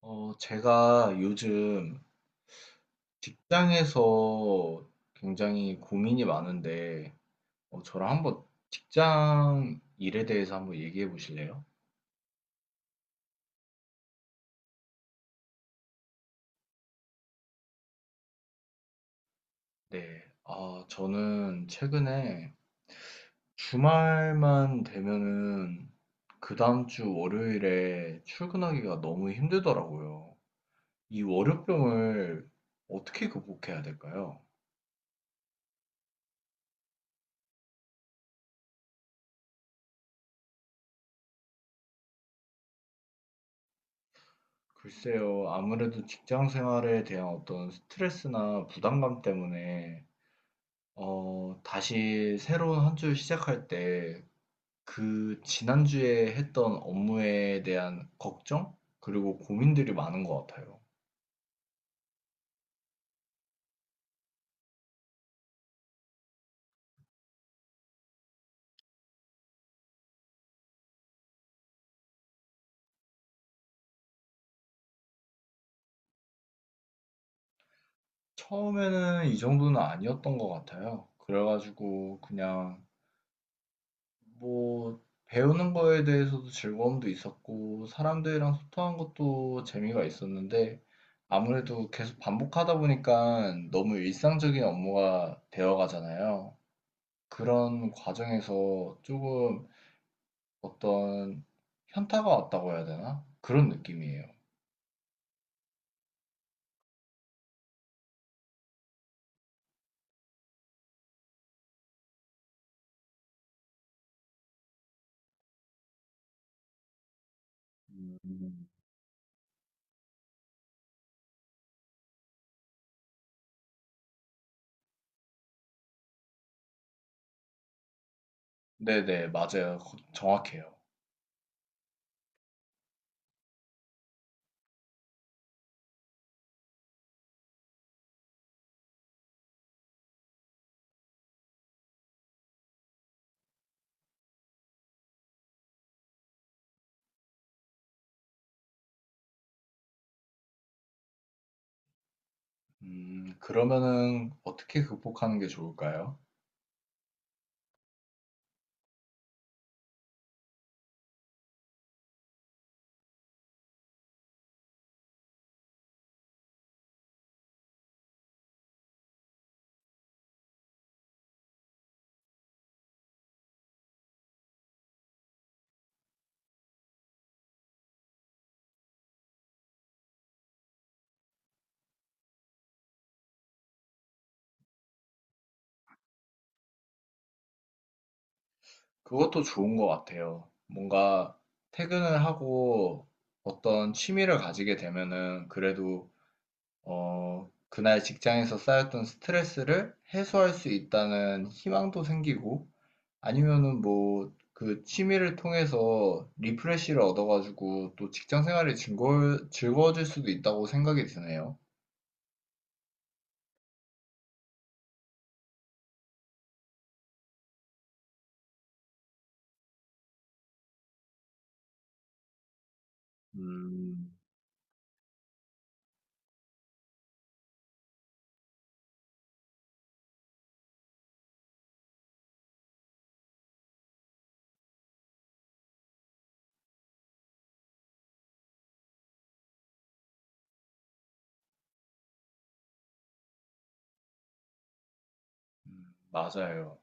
제가 요즘 직장에서 굉장히 고민이 많은데, 저랑 한번 직장 일에 대해서 한번 얘기해 보실래요? 네, 아, 저는 최근에 주말만 되면은 그 다음 주 월요일에 출근하기가 너무 힘들더라고요. 이 월요병을 어떻게 극복해야 될까요? 글쎄요, 아무래도 직장 생활에 대한 어떤 스트레스나 부담감 때문에 다시 새로운 한 주 시작할 때 그 지난주에 했던 업무에 대한 걱정? 그리고 고민들이 많은 것 같아요. 처음에는 이 정도는 아니었던 것 같아요. 그래가지고 그냥 뭐 배우는 거에 대해서도 즐거움도 있었고 사람들이랑 소통한 것도 재미가 있었는데 아무래도 계속 반복하다 보니까 너무 일상적인 업무가 되어가잖아요. 그런 과정에서 조금 어떤 현타가 왔다고 해야 되나? 그런 느낌이에요. 음, 네네, 맞아요. 정확해요. 그러면은 어떻게 극복하는 게 좋을까요? 그것도 좋은 것 같아요. 뭔가 퇴근을 하고 어떤 취미를 가지게 되면은 그래도 그날 직장에서 쌓였던 스트레스를 해소할 수 있다는 희망도 생기고 아니면은 뭐 그 취미를 통해서 리프레시를 얻어가지고 또 직장 생활이 즐거워질 수도 있다고 생각이 드네요. 음, 맞아요.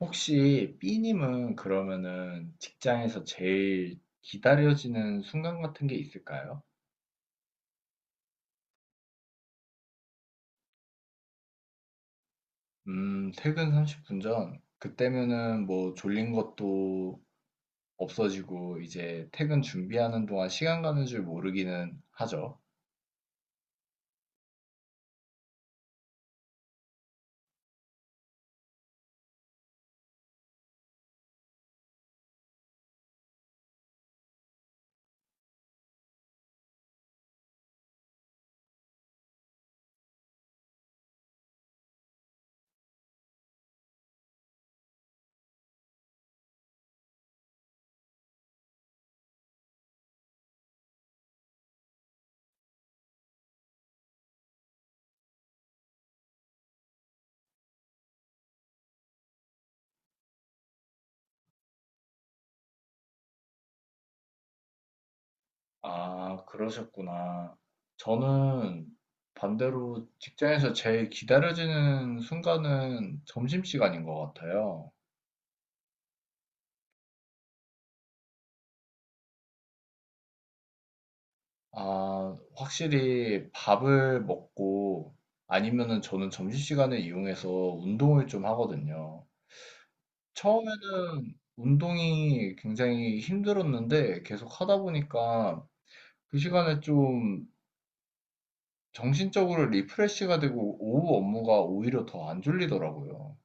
혹시 B님은 그러면은 직장에서 제일 기다려지는 순간 같은 게 있을까요? 퇴근 30분 전. 그때면은 뭐 졸린 것도 없어지고 이제 퇴근 준비하는 동안 시간 가는 줄 모르기는 하죠. 아, 그러셨구나. 저는 반대로 직장에서 제일 기다려지는 순간은 점심시간인 것 같아요. 아, 확실히 밥을 먹고 아니면은 저는 점심시간을 이용해서 운동을 좀 하거든요. 처음에는 운동이 굉장히 힘들었는데 계속 하다 보니까 그 시간에 좀 정신적으로 리프레시가 되고 오후 업무가 오히려 더 안 졸리더라고요.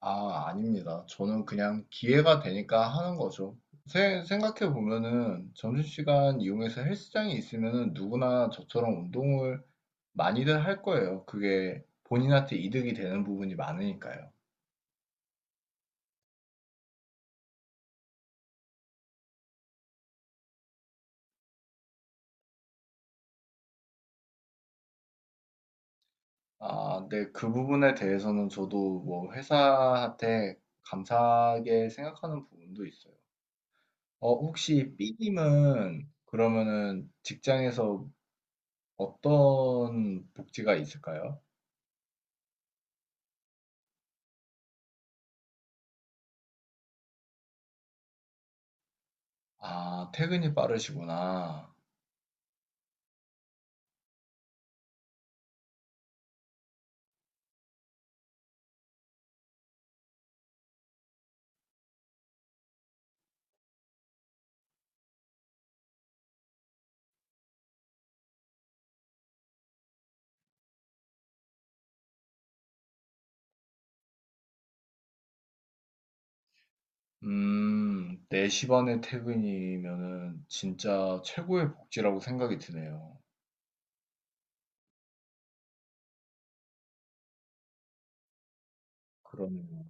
아, 아닙니다. 저는 그냥 기회가 되니까 하는 거죠. 생각해 보면은 점심시간 이용해서 헬스장이 있으면은 누구나 저처럼 운동을 많이들 할 거예요. 그게 본인한테 이득이 되는 부분이 많으니까요. 아, 근데 그 부분에 대해서는 저도 뭐 회사한테 감사하게 생각하는 부분도 있어요. 혹시 B님은 그러면은 직장에서 어떤 복지가 있을까요? 아, 퇴근이 빠르시구나. 4시 반에 퇴근이면은 진짜 최고의 복지라고 생각이 드네요. 그러네요.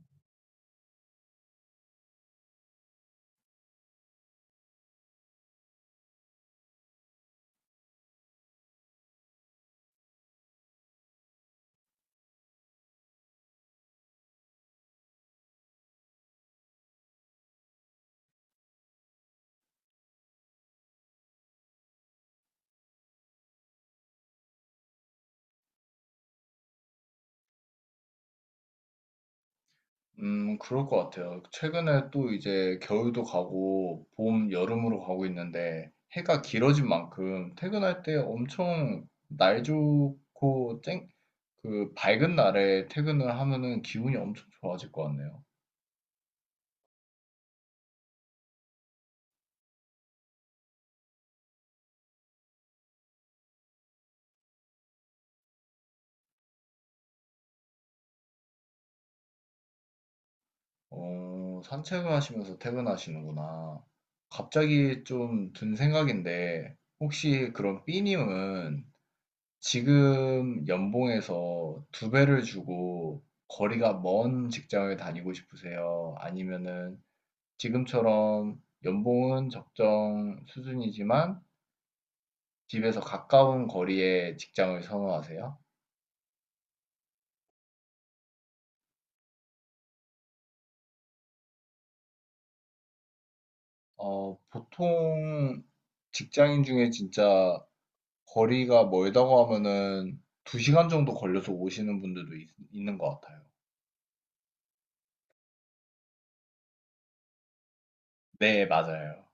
그럴 것 같아요. 최근에 또 이제 겨울도 가고 봄, 여름으로 가고 있는데 해가 길어진 만큼 퇴근할 때 엄청 날 좋고 쨍, 그 밝은 날에 퇴근을 하면은 기분이 엄청 좋아질 것 같네요. 산책을 하시면서 퇴근하시는구나. 갑자기 좀 든 생각인데, 혹시 그럼 B님은 지금 연봉에서 두 배를 주고 거리가 먼 직장을 다니고 싶으세요? 아니면은 지금처럼 연봉은 적정 수준이지만 집에서 가까운 거리에 직장을 선호하세요? 보통 직장인 중에 진짜 거리가 멀다고 하면은 2 시간 정도 걸려서 오시는 분들도 있는 것 같아요. 네, 맞아요.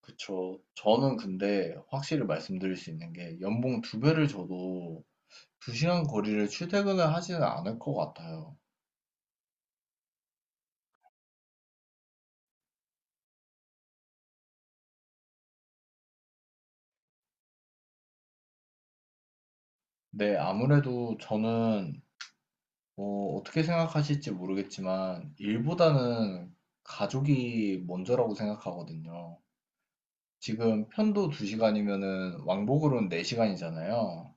그쵸. 저는 근데 확실히 말씀드릴 수 있는 게 연봉 2배를 줘도 2 시간 거리를 출퇴근을 하지는 않을 것 같아요. 네, 아무래도 저는 어떻게 생각하실지 모르겠지만 일보다는 가족이 먼저라고 생각하거든요. 지금 편도 2시간이면은 왕복으로는 4시간이잖아요.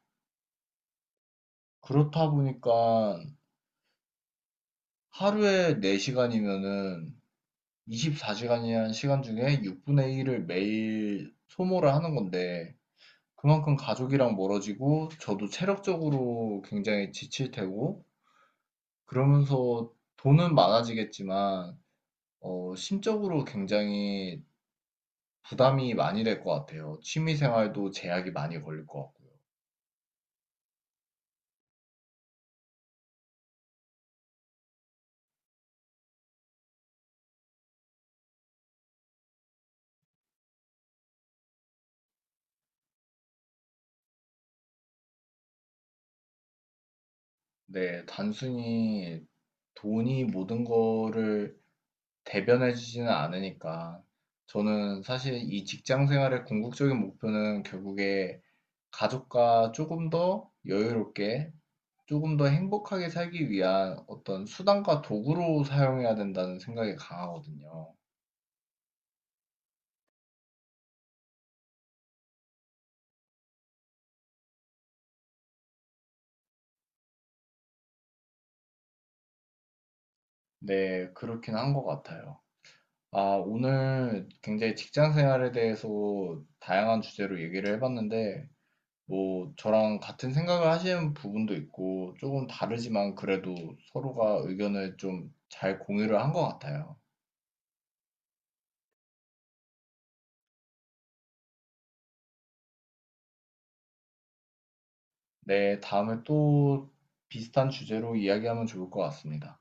그렇다 보니까 하루에 4시간이면은 24시간이라는 시간 중에 6분의 1을 매일 소모를 하는 건데, 그만큼 가족이랑 멀어지고, 저도 체력적으로 굉장히 지칠 테고, 그러면서 돈은 많아지겠지만, 심적으로 굉장히 부담이 많이 될 것 같아요. 취미 생활도 제약이 많이 걸릴 것 같고요. 네, 단순히 돈이 모든 거를 대변해 주지는 않으니까. 저는 사실 이 직장 생활의 궁극적인 목표는 결국에 가족과 조금 더 여유롭게, 조금 더 행복하게 살기 위한 어떤 수단과 도구로 사용해야 된다는 생각이 강하거든요. 네, 그렇긴 한 것 같아요. 아, 오늘 굉장히 직장 생활에 대해서 다양한 주제로 얘기를 해봤는데, 뭐 저랑 같은 생각을 하시는 부분도 있고 조금 다르지만 그래도 서로가 의견을 좀 잘 공유를 한 것 같아요. 네, 다음에 또 비슷한 주제로 이야기하면 좋을 것 같습니다.